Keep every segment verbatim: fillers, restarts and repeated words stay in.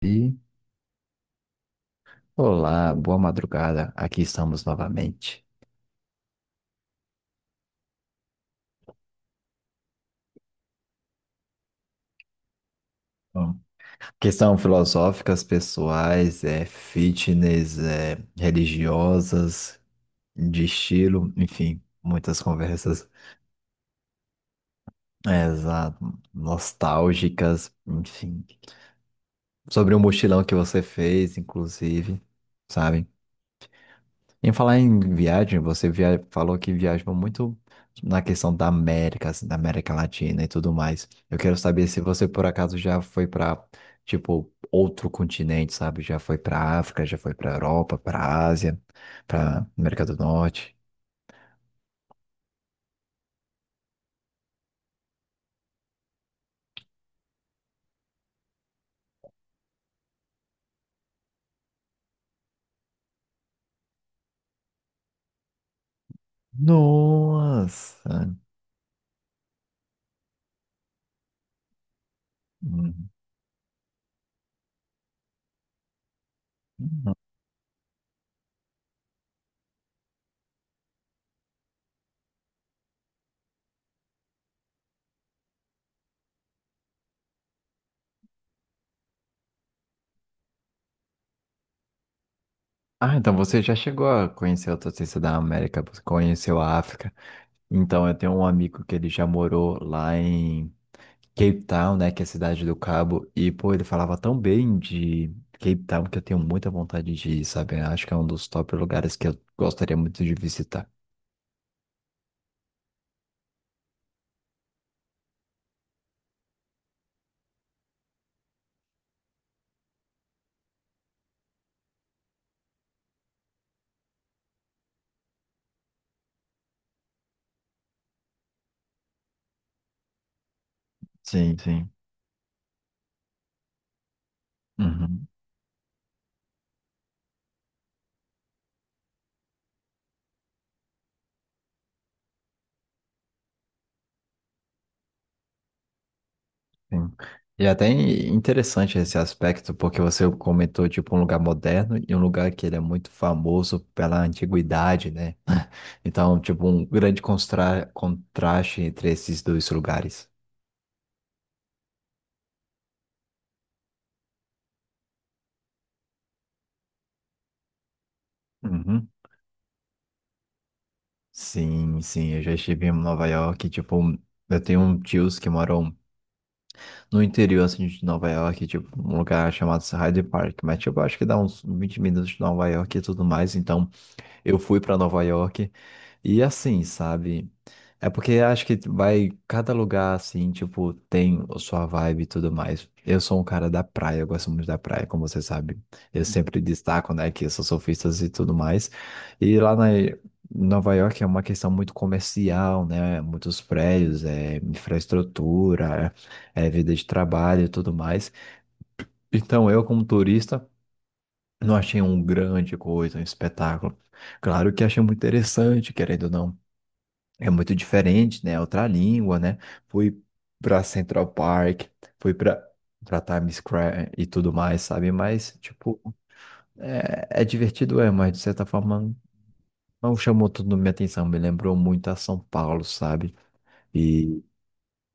E olá, boa madrugada. Aqui estamos novamente. Bom, questão filosóficas, pessoais, é fitness, é religiosas, de estilo, enfim, muitas conversas, é, exato, nostálgicas, enfim, sobre o mochilão que você fez, inclusive, sabe? Em falar em viagem, você via... falou que viaja muito na questão da América, assim, da América Latina e tudo mais. Eu quero saber se você por acaso já foi para, tipo, outro continente, sabe? Já foi para África, já foi para Europa, para Ásia, para América do Norte. Nossa! Uhum. Ah, então você já chegou a conhecer outra ciência da América, você conheceu a África. Então, eu tenho um amigo que ele já morou lá em Cape Town, né, que é a cidade do Cabo, e pô, ele falava tão bem de Cape Town que eu tenho muita vontade de ir, sabe? Eu acho que é um dos top lugares que eu gostaria muito de visitar. Sim, sim. Uhum, sim. E até in- interessante esse aspecto, porque você comentou, tipo, um lugar moderno e um lugar que ele é muito famoso pela antiguidade, né? Então, tipo, um grande constra- contraste entre esses dois lugares. Uhum. Sim, sim, eu já estive em Nova York, tipo, eu tenho um tios que moram no interior, assim, de Nova York, tipo, um lugar chamado Hyde Park, mas, tipo, acho que dá uns vinte minutos de Nova York e tudo mais, então eu fui para Nova York e assim, sabe? É porque acho que vai cada lugar assim, tipo, tem a sua vibe e tudo mais. Eu sou um cara da praia, eu gosto muito da praia, como você sabe. Eu sempre destaco, né, que eu sou surfista e tudo mais. E lá na Nova York é uma questão muito comercial, né? Muitos prédios, é infraestrutura, é vida de trabalho e tudo mais. Então, eu como turista não achei um grande coisa, um espetáculo. Claro que achei muito interessante, querendo ou não. É muito diferente, né? É outra língua, né? Fui para Central Park, fui para para Times Square e tudo mais, sabe? Mas, tipo, é, é divertido, é, mas de certa forma não chamou tudo minha atenção. Me lembrou muito a São Paulo, sabe? E,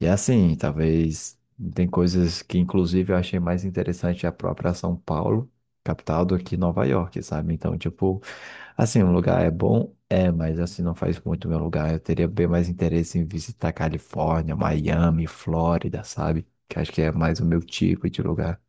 e assim, talvez tem coisas que, inclusive, eu achei mais interessante a própria São Paulo, capital, do que Nova York, sabe? Então, tipo. Assim, um lugar é bom, é, mas assim não faz muito meu lugar. Eu teria bem mais interesse em visitar Califórnia, Miami, Flórida, sabe? Que acho que é mais o meu tipo de lugar.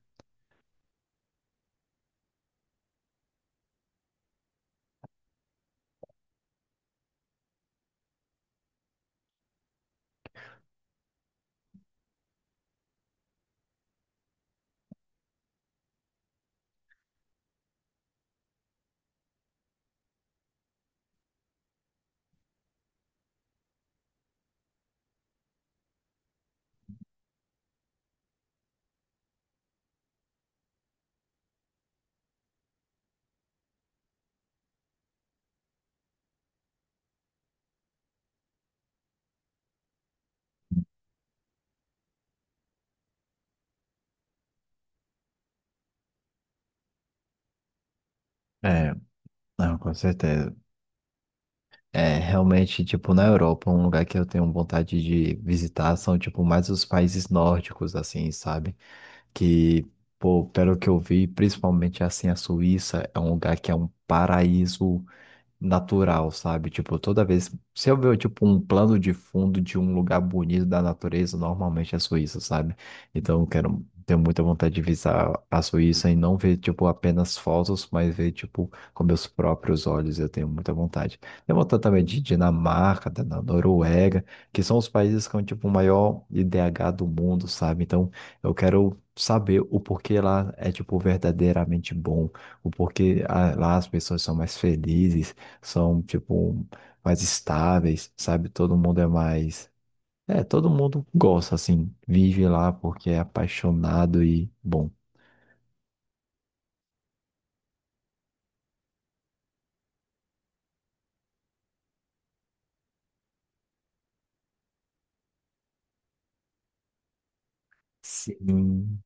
É, não, com certeza. É, realmente, tipo, na Europa, um lugar que eu tenho vontade de visitar são, tipo, mais os países nórdicos, assim, sabe? Que, pô, pelo que eu vi, principalmente, assim, a Suíça é um lugar que é um paraíso natural, sabe? Tipo, toda vez. Se eu ver, tipo, um plano de fundo de um lugar bonito da natureza, normalmente é a Suíça, sabe? Então, eu quero. Tenho muita vontade de visitar a Suíça e não ver, tipo, apenas fotos, mas ver, tipo, com meus próprios olhos. Eu tenho muita vontade. Tenho vontade também de Dinamarca, da da Noruega, que são os países com, tipo, o maior I D H do mundo, sabe? Então, eu quero saber o porquê lá é, tipo, verdadeiramente bom o porquê a- lá as pessoas são mais felizes, são, tipo, mais estáveis, sabe? Todo mundo é mais. É, todo mundo gosta, assim, vive lá porque é apaixonado e bom. Sim,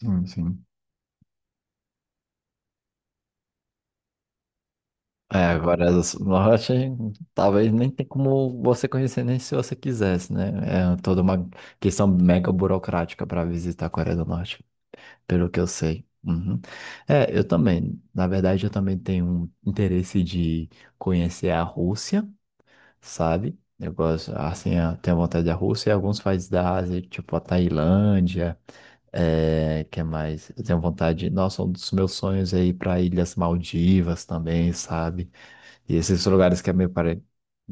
sim, sim. É, agora as Norte, talvez nem tem como você conhecer nem se você quisesse, né? É toda uma questão mega burocrática para visitar a Coreia do Norte, pelo que eu sei. Uhum. É, eu também. Na verdade, eu também tenho um interesse de conhecer a Rússia, sabe? Eu gosto, assim, eu tenho vontade da Rússia e alguns países da Ásia, tipo a Tailândia, é, que é mais? Eu tenho vontade, nossa, um dos meus sonhos é ir para Ilhas Maldivas também, sabe? E esses lugares que é meio pare-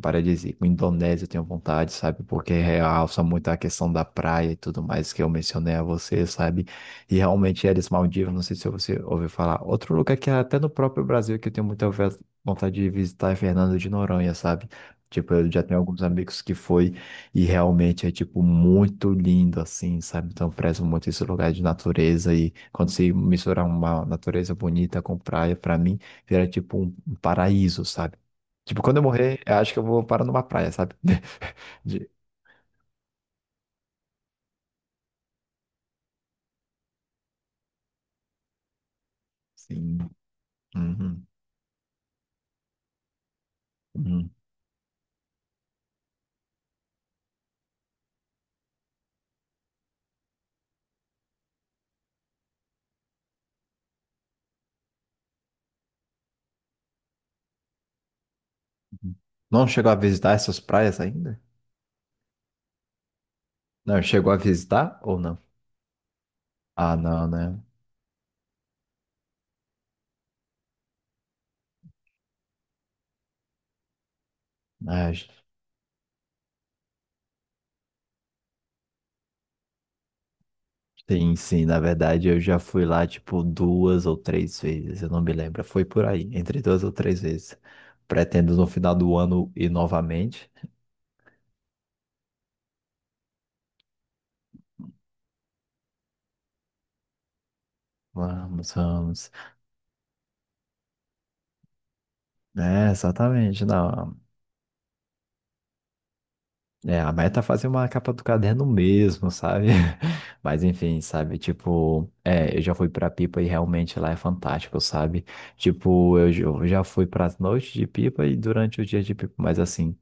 paradisíaco. Indonésia eu tenho vontade, sabe? Porque realça muito a questão da praia e tudo mais que eu mencionei a você, sabe? E realmente eles Maldivas, não sei se você ouviu falar. Outro lugar que é até no próprio Brasil que eu tenho muita ve- vontade de visitar é Fernando de Noronha, sabe? Tipo, eu já tenho alguns amigos que foi e realmente é, tipo, muito lindo, assim, sabe? Então, eu prezo muito esse lugar de natureza e quando se misturar uma natureza bonita com praia, pra mim, vira, tipo, um um paraíso, sabe? Tipo, quando eu morrer, eu acho que eu vou parar numa praia, sabe? De- Sim. Uhum, uhum. Não chegou a visitar essas praias ainda? Não, chegou a visitar ou não? Ah, não, né? Ah, sim, sim, na verdade eu já fui lá tipo duas ou três vezes, eu não me lembro. Foi por aí, entre duas ou três vezes. Pretendo no final do ano ir novamente. Vamos, vamos. É, exatamente, não. É, a meta é fazer uma capa do caderno mesmo, sabe? Mas enfim, sabe? Tipo, é, eu já fui pra Pipa e realmente lá é fantástico, sabe? Tipo, eu j- eu já fui pras noites de Pipa e durante o dia de Pipa, mas assim,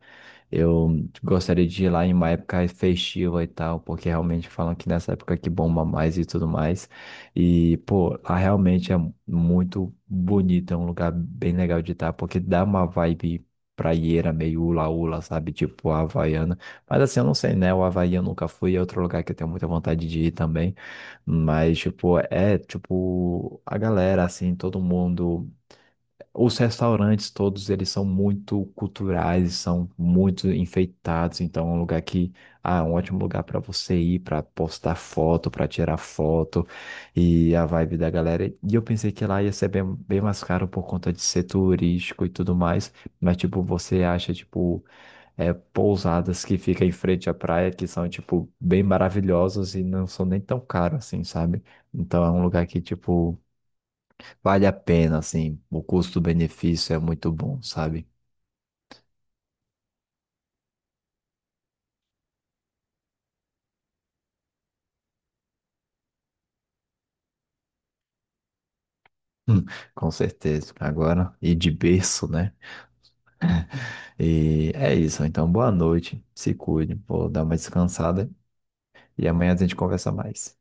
eu gostaria de ir lá em uma época festiva e tal, porque realmente falam que nessa época que bomba mais e tudo mais. E, pô, lá realmente é muito bonito, é um lugar bem legal de estar, porque dá uma vibe praieira meio hula-hula, sabe? Tipo, a Havaiana. Mas assim, eu não sei, né? O Havaí eu nunca fui, é outro lugar que eu tenho muita vontade de ir também. Mas, tipo, é, tipo, a galera, assim, todo mundo. Os restaurantes todos, eles são muito culturais, são muito enfeitados. Então, é um lugar que, ah, é um ótimo lugar para você ir, para postar foto, para tirar foto. E a vibe da galera. E eu pensei que lá ia ser bem, bem mais caro por conta de ser turístico e tudo mais. Mas, tipo, você acha, tipo é, pousadas que ficam em frente à praia, que são, tipo, bem maravilhosas e não são nem tão caros assim, sabe? Então é um lugar que, tipo, vale a pena, assim, o custo-benefício é muito bom, sabe? Hum, com certeza. Agora, e de berço, né? E é isso. Então, boa noite. Se cuide. Vou dar uma descansada. E amanhã a gente conversa mais.